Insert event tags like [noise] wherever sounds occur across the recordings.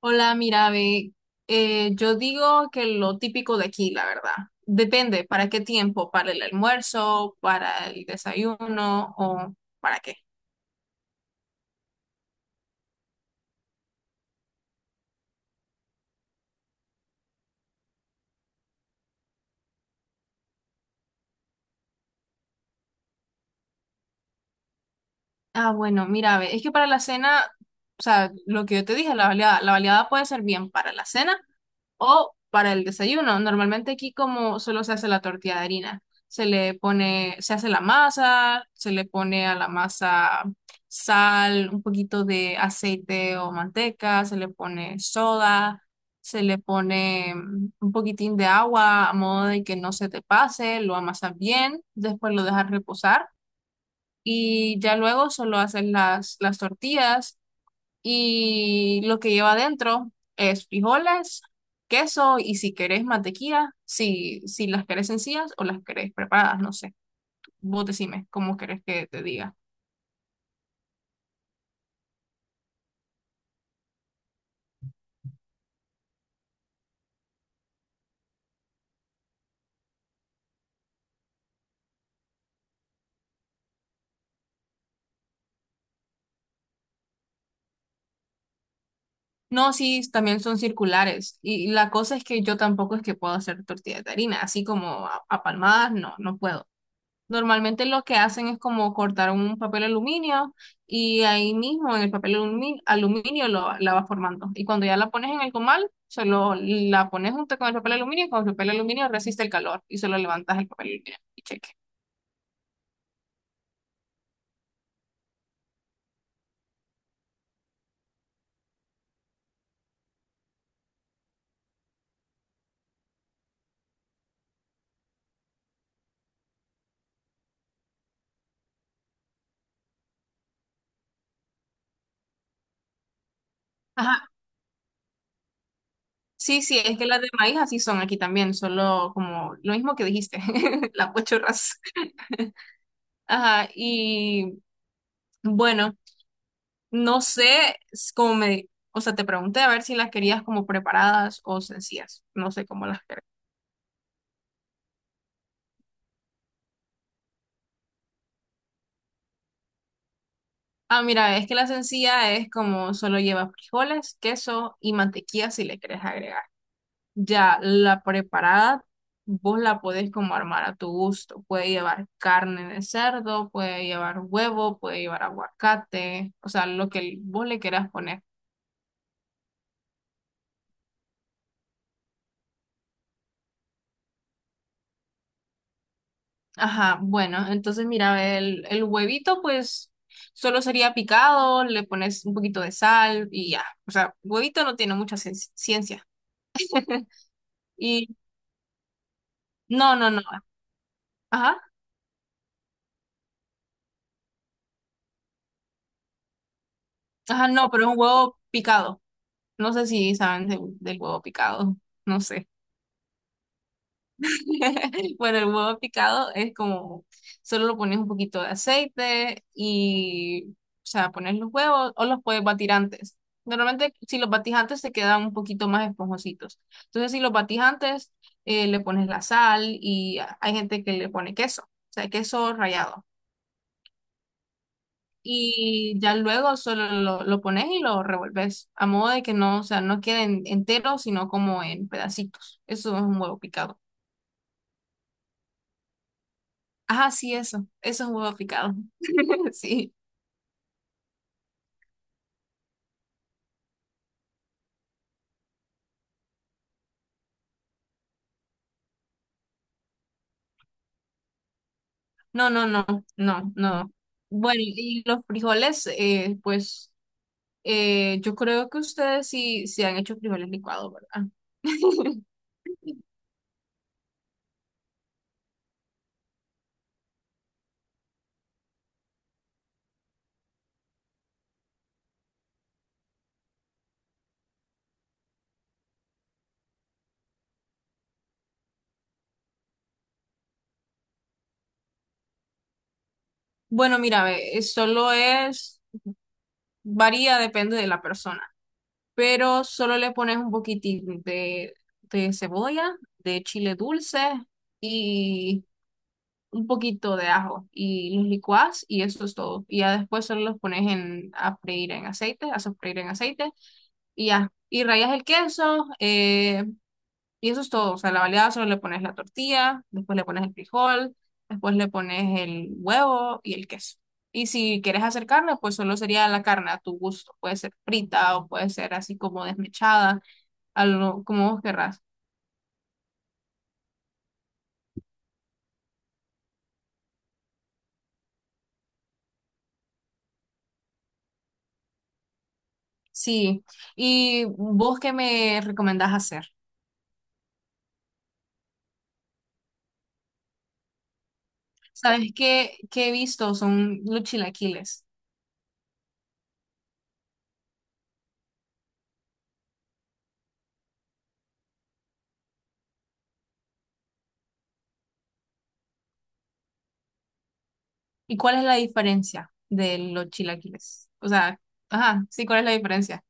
Hola, mira, ve, yo digo que lo típico de aquí, la verdad. Depende, ¿para qué tiempo? ¿Para el almuerzo? ¿Para el desayuno? ¿O para qué? Ah, bueno, mira, ve, es que para la cena, o sea, lo que yo te dije, la baleada puede ser bien para la cena o para el desayuno. Normalmente aquí como solo se hace la tortilla de harina, se le pone, se hace la masa, se le pone a la masa sal, un poquito de aceite o manteca, se le pone soda, se le pone un poquitín de agua a modo de que no se te pase, lo amasas bien, después lo dejas reposar y ya luego solo haces las tortillas, y lo que lleva adentro es frijoles, queso y si querés mantequilla, si, si las querés sencillas o las querés preparadas, no sé. Vos decime cómo querés que te diga. No, sí, también son circulares. Y la cosa es que yo tampoco es que puedo hacer tortilla de harina, así como a palmadas, no, no puedo. Normalmente lo que hacen es como cortar un papel aluminio y ahí mismo en el papel aluminio, lo, la vas formando. Y cuando ya la pones en el comal, solo la pones junto con el papel aluminio y con el papel aluminio resiste el calor y solo levantas el papel aluminio y cheque. Ajá. Sí, sí, es que las de maíz así son aquí también, solo como lo mismo que dijiste, [laughs] las pochorras. Ajá, y bueno, no sé s- cómo me, o sea, te pregunté a ver si las querías como preparadas o sencillas, no sé cómo las. Ah, mira, es que la sencilla es como solo lleva frijoles, queso y mantequilla si le querés agregar. Ya la preparada, vos la podés como armar a tu gusto. Puede llevar carne de cerdo, puede llevar huevo, puede llevar aguacate, o sea, lo que vos le quieras poner. Ajá, bueno, entonces mira, el huevito pues solo sería picado, le pones un poquito de sal y ya. O sea, huevito no tiene mucha ciencia. Y no, no, no. Ajá. Ajá, no, pero es un huevo picado. No sé si saben del huevo picado. No sé. [laughs] Bueno, el huevo picado es como, solo lo pones un poquito de aceite y, o sea, pones los huevos o los puedes batir antes. Normalmente, si los batís antes, se quedan un poquito más esponjositos. Entonces, si los batís antes, le pones la sal y hay gente que le pone queso, o sea, queso rallado. Y ya luego solo lo pones y lo revuelves, a modo de que no, o sea, no queden enteros, sino como en pedacitos. Eso es un huevo picado. Ajá, sí, eso es un huevo picado. [laughs] Sí. No, no, no, no, no. Bueno, y los frijoles, pues yo creo que ustedes sí, sí han hecho frijoles licuados, ¿verdad? [laughs] Bueno, mira, ve, solo es, varía, depende de la persona. Pero solo le pones un poquitín de cebolla, de chile dulce y un poquito de ajo y los licuás y eso es todo. Y ya después solo los pones en, a freír en aceite, a sofreír en aceite y ya. Y rayas el queso y eso es todo. O sea, la baleada solo le pones la tortilla, después le pones el frijol, después le pones el huevo y el queso. Y si quieres hacer carne, pues solo sería la carne a tu gusto. Puede ser frita o puede ser así como desmechada como vos querrás. Sí. ¿Y vos qué me recomendás hacer? ¿Sabes qué, qué he visto? Son los chilaquiles. ¿Y cuál es la diferencia de los chilaquiles? O sea, ajá, sí, ¿cuál es la diferencia?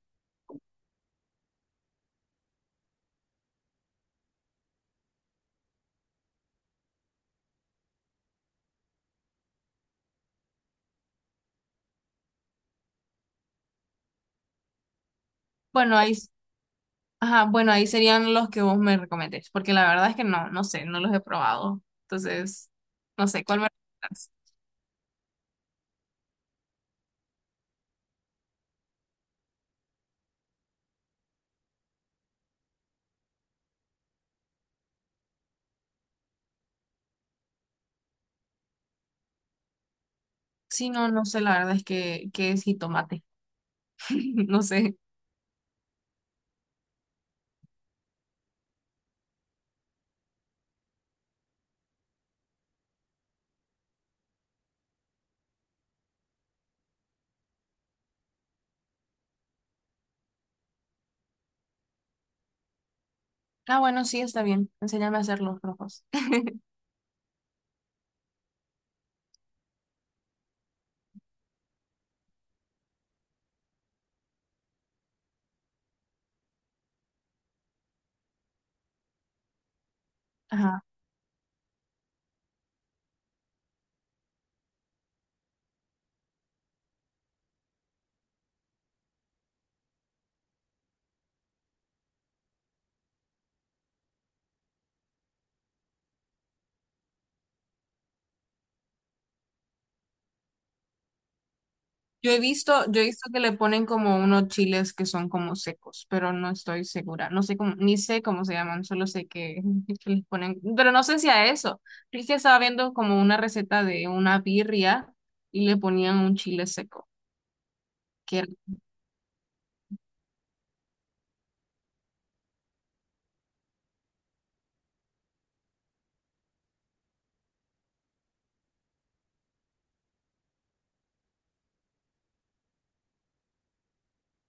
Bueno, ahí, ajá, bueno, ahí serían los que vos me recomendés, porque la verdad es que no, no sé, no los he probado. Entonces, no sé, ¿cuál me recomendás? Sí, no, no sé, la verdad es que es jitomate. [laughs] No sé. Ah, bueno, sí, está bien. Enséñame a hacer los rojos. [laughs] Ajá. Yo he visto que le ponen como unos chiles que son como secos, pero no estoy segura. No sé cómo, ni sé cómo se llaman, solo sé que, [laughs] que les ponen, pero no sé si a eso. Es que estaba viendo como una receta de una birria y le ponían un chile seco, que era-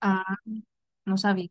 ah, no sabía.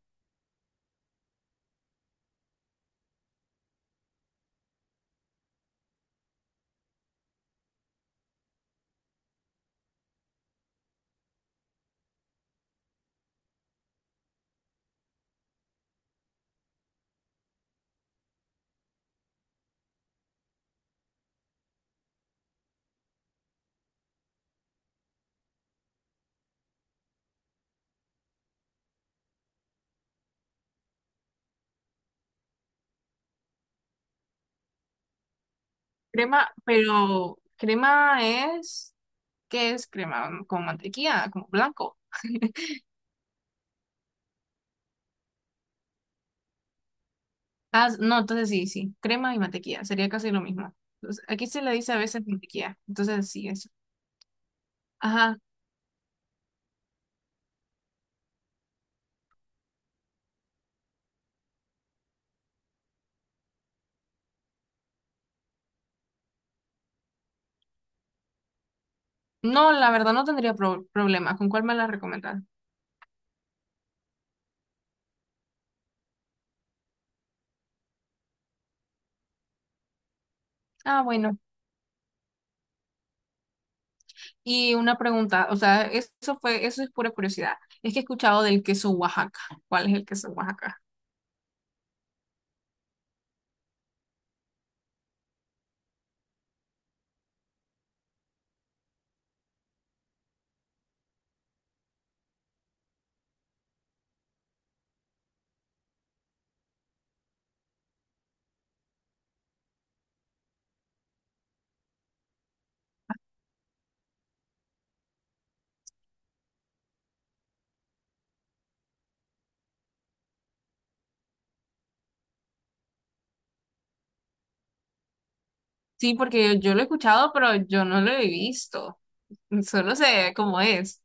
Crema, pero crema es, ¿qué es crema? Con mantequilla, como blanco. [laughs] Ah, no, entonces sí, sí, crema y mantequilla, sería casi lo mismo. Entonces, aquí se le dice a veces mantequilla, entonces sí, eso. Ajá. No, la verdad no tendría problema. ¿Con cuál me la recomendas? Ah, bueno. Y una pregunta, o sea, eso fue, eso es pura curiosidad. Es que he escuchado del queso Oaxaca. ¿Cuál es el queso Oaxaca? Sí, porque yo lo he escuchado, pero yo no lo he visto. Solo sé cómo es.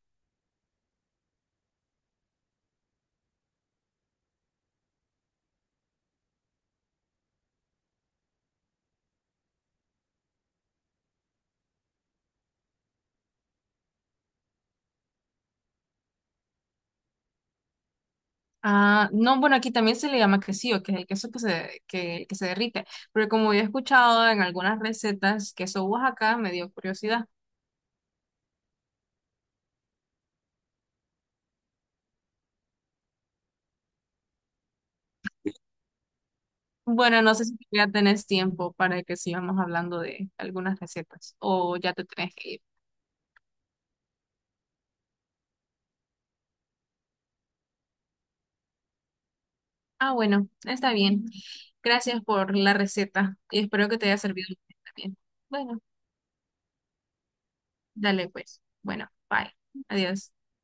Ah, no, bueno, aquí también se le llama quesillo, que es el queso que se derrite. Pero como yo he escuchado en algunas recetas queso Oaxaca, me dio curiosidad. Bueno, no sé si ya tenés tiempo para que sigamos hablando de algunas recetas o ya te tenés que ir. Ah, bueno, está bien. Gracias por la receta y espero que te haya servido. Está bien. Bueno, dale pues. Bueno, bye. Adiós.